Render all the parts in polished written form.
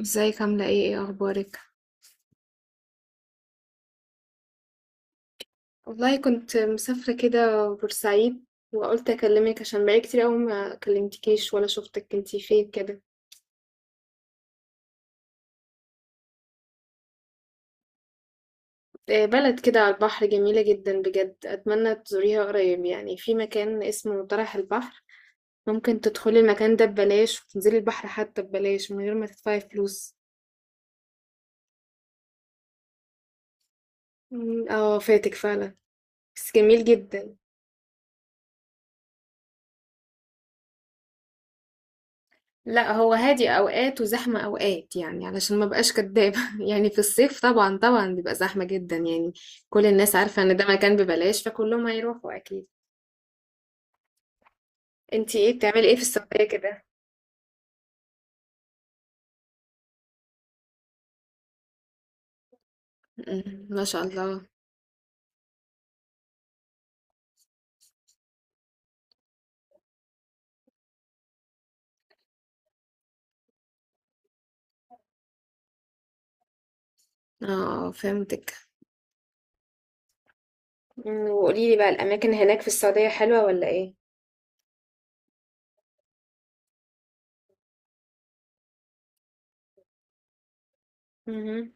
ازيك؟ عاملة ايه؟ ايه اخبارك؟ والله كنت مسافرة كده بورسعيد، وقلت اكلمك عشان بقالي كتير قوي ما كلمتكيش ولا شفتك. كنتي فين كده؟ بلد كده على البحر، جميلة جدا بجد. اتمنى تزوريها قريب. يعني في مكان اسمه طرح البحر، ممكن تدخلي المكان ده ببلاش وتنزلي البحر حتى ببلاش من غير ما تدفعي فلوس. اه فاتك فعلا. بس جميل جدا. لا، هو هادي اوقات وزحمه اوقات، يعني علشان ما بقاش كدابه يعني في الصيف طبعا طبعا بيبقى زحمه جدا يعني. كل الناس عارفه ان ده مكان ببلاش، فكلهم هيروحوا اكيد. انتي ايه بتعملي ايه في السعوديه كده؟ ما شاء الله. اه فهمتك. وقوليلي بقى الاماكن هناك في السعوديه حلوه ولا ايه؟ مهم.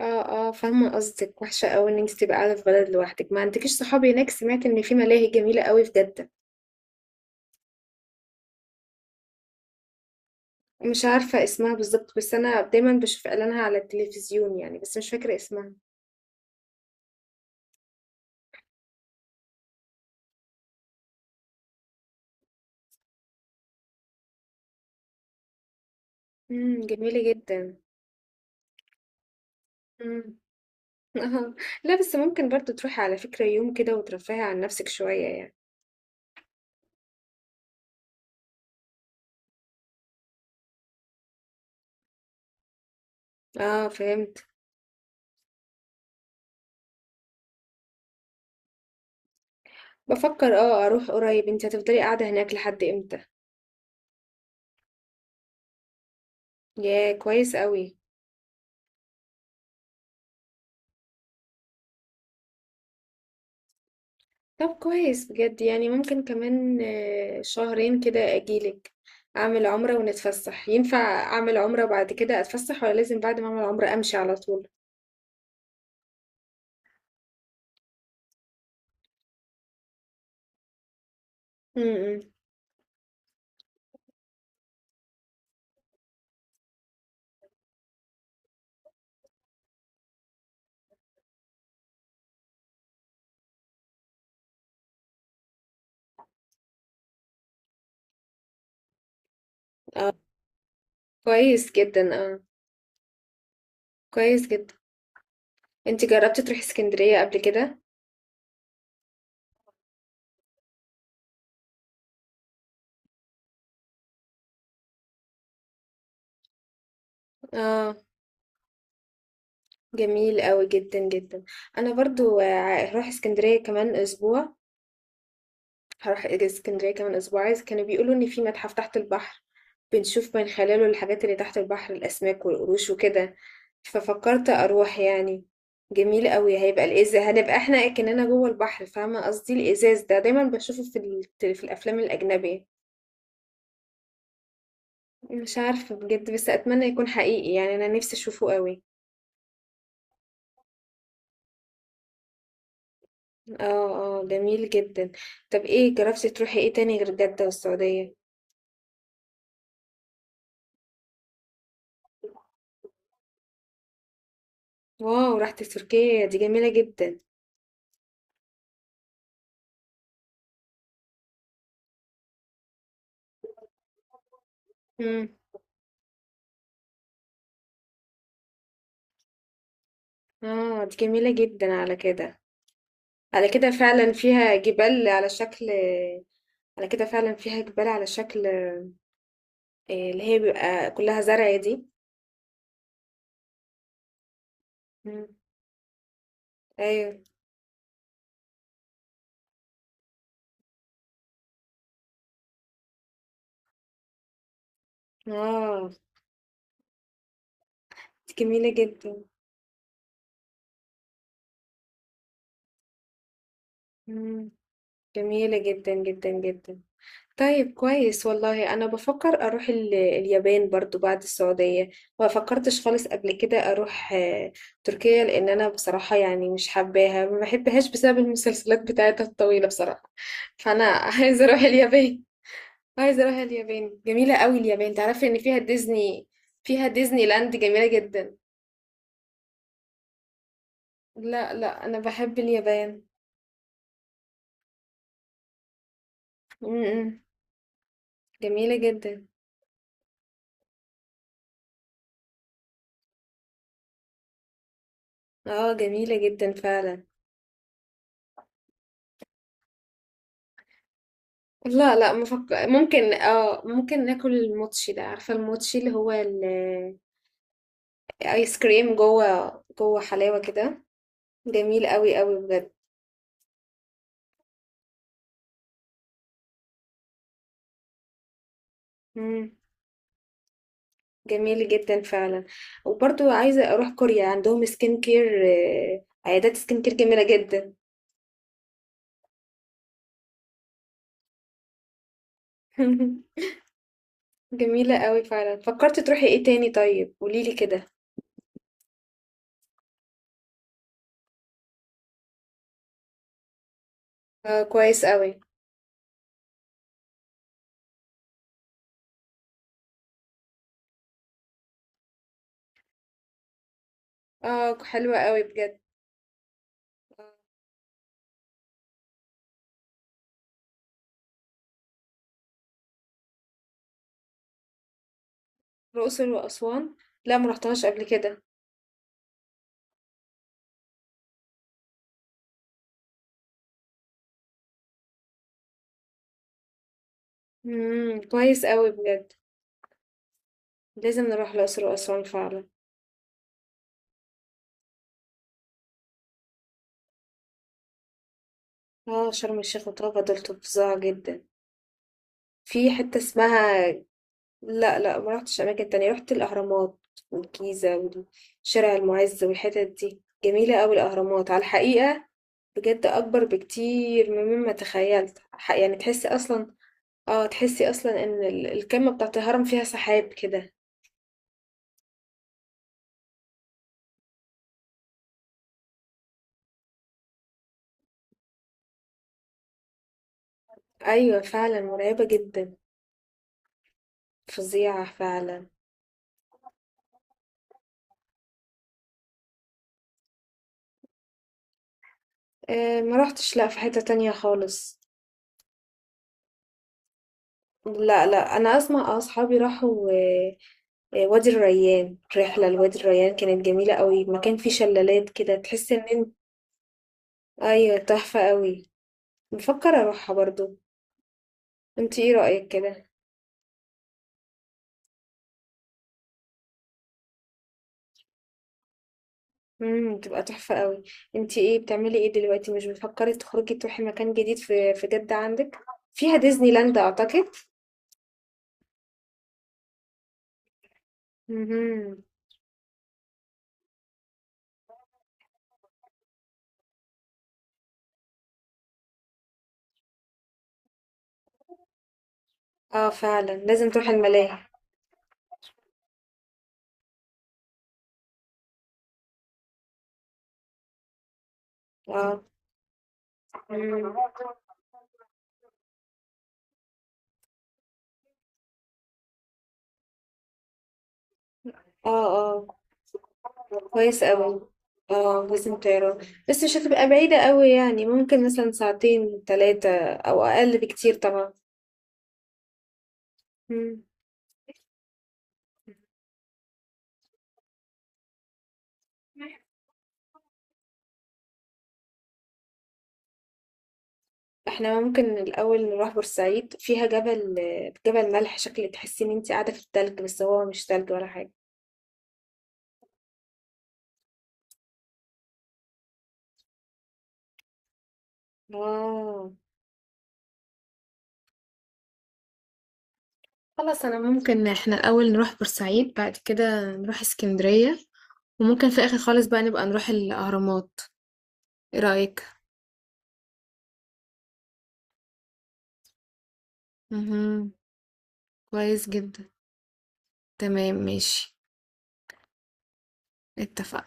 اه اه، فاهمه قصدك. وحشه قوي ان انت تبقى قاعده في بلد لوحدك ما عندكيش صحابي. هناك سمعت ان في ملاهي جميله قوي في جده. مش عارفة اسمها بالظبط، بس أنا دايما بشوف إعلانها على التلفزيون يعني، بس مش فاكرة اسمها. امم، جميلة جدا. امم. لا، بس ممكن برضو تروحي على فكرة يوم كده وترفهي عن نفسك شوية يعني. اه فهمت. بفكر اه اروح قريب. انت هتفضلي قاعدة هناك لحد امتى؟ يا كويس قوي. طب كويس بجد. يعني ممكن كمان شهرين كده اجيلك. اعمل عمرة ونتفسح. ينفع اعمل عمرة بعد كده اتفسح، ولا لازم بعد ما اعمل عمرة امشي على طول؟ امم. كويس جدا اه. كويس جدا. انت جربتي تروحي اسكندرية قبل كده؟ اه جميل قوي جدا جدا. انا برضو هروح اسكندرية كمان اسبوع. هروح اسكندرية كمان اسبوع، عايز. كانوا بيقولوا ان في متحف تحت البحر بنشوف من خلاله الحاجات اللي تحت البحر، الاسماك والقروش وكده. ففكرت اروح يعني. جميل قوي. هيبقى الازاز هنبقى احنا كأننا جوه البحر، فاهمة قصدي؟ الازاز ده دايما بشوفه في الافلام الاجنبية. مش عارفة بجد، بس أتمنى يكون حقيقي يعني. أنا نفسي أشوفه قوي. اه اه، جميل جدا. طب ايه، جربتي تروحي ايه تاني غير جدة والسعودية؟ واو، رحتي تركيا؟ دي جميلة جدا. مم. اه دي جميلة جدا على كده. على كده فعلا فيها جبال على شكل. على كده فعلا فيها جبال على شكل آه، اللي هي بيبقى كلها زرع دي. مم. ايوه. اه دي جميلة جدا. مم. جميلة جدا جدا جدا. طيب، كويس والله. انا بفكر اروح اليابان برضو بعد السعودية. ما فكرتش خالص قبل كده اروح تركيا، لان انا بصراحة يعني مش حباها، ما بحبهاش بسبب المسلسلات بتاعتها الطويلة بصراحة. فانا عايزة اروح اليابان. عايزة اروح اليابان. جميلة قوي اليابان. تعرفي ان فيها ديزني؟ فيها ديزني لاند، جميلة جدا. لا لا، انا بحب اليابان. م- م. جميلة جدا. اه جميلة جدا فعلا. لا لا، ممكن اه ممكن ناكل الموتشي ده. عارفة الموتشي اللي هو الايس كريم، جوه جوه حلاوة كده. جميل قوي قوي بجد. مم. جميل جدا فعلا. وبرضو عايزة اروح كوريا، عندهم سكين كير، عيادات سكين كير جميلة جدا. جميلة قوي فعلا. فكرت تروحي ايه تاني؟ طيب قوليلي كده. اه كويس قوي. اه حلوة قوي بجد. آه، الأقصر وأسوان. لا، مرحتهاش قبل كده. مم. كويس قوي بجد. لازم نروح الأقصر وأسوان فعلا. اه شرم الشيخ وطابة دول فظاع جدا. في حتة اسمها. لا لا، ما رحتش أماكن تانية. رحت الأهرامات والجيزة وشارع المعز، والحتت دي جميلة أوي. الأهرامات على الحقيقة بجد أكبر بكتير مما تخيلت. يعني تحسي أصلا. اه تحسي أصلا إن الكمة بتاعت الهرم فيها سحاب كده. أيوة فعلا مرعبة جدا. فظيعة فعلا. آه، ما رحتش لا في حتة تانية خالص. لا لا، انا اسمع اصحابي راحوا وادي الريان. رحله لوادي الريان كانت جميله قوي، مكان فيه شلالات كده تحس ان انت. ايوه تحفه قوي. بفكر اروحها برضو. انت ايه رايك كده؟ امم، تبقى تحفه قوي. انت ايه بتعملي ايه دلوقتي؟ مش بتفكري تخرجي تروحي مكان جديد في جده عندك؟ فيها ديزني لاند اعتقد. امم. اه فعلا لازم تروحي الملاهي. اه. مم. اه آه. كويس قوي. اه لازم طيران. بس مش هتبقى بعيدة قوي، يعني ممكن مثلا ساعتين ثلاثة، او اقل بكتير طبعا. مم. احنا ممكن الاول نروح بورسعيد. فيها جبل، جبل ملح شكل تحسي ان انت قاعدة في التلج، بس هو مش تلج ولا حاجة. اه خلاص. انا ممكن احنا الاول نروح بورسعيد، بعد كده نروح اسكندرية، وممكن في اخر خالص بقى نبقى نروح الاهرامات. ايه رأيك؟ مهم. كويس جدا. تمام ماشي. اتفقنا.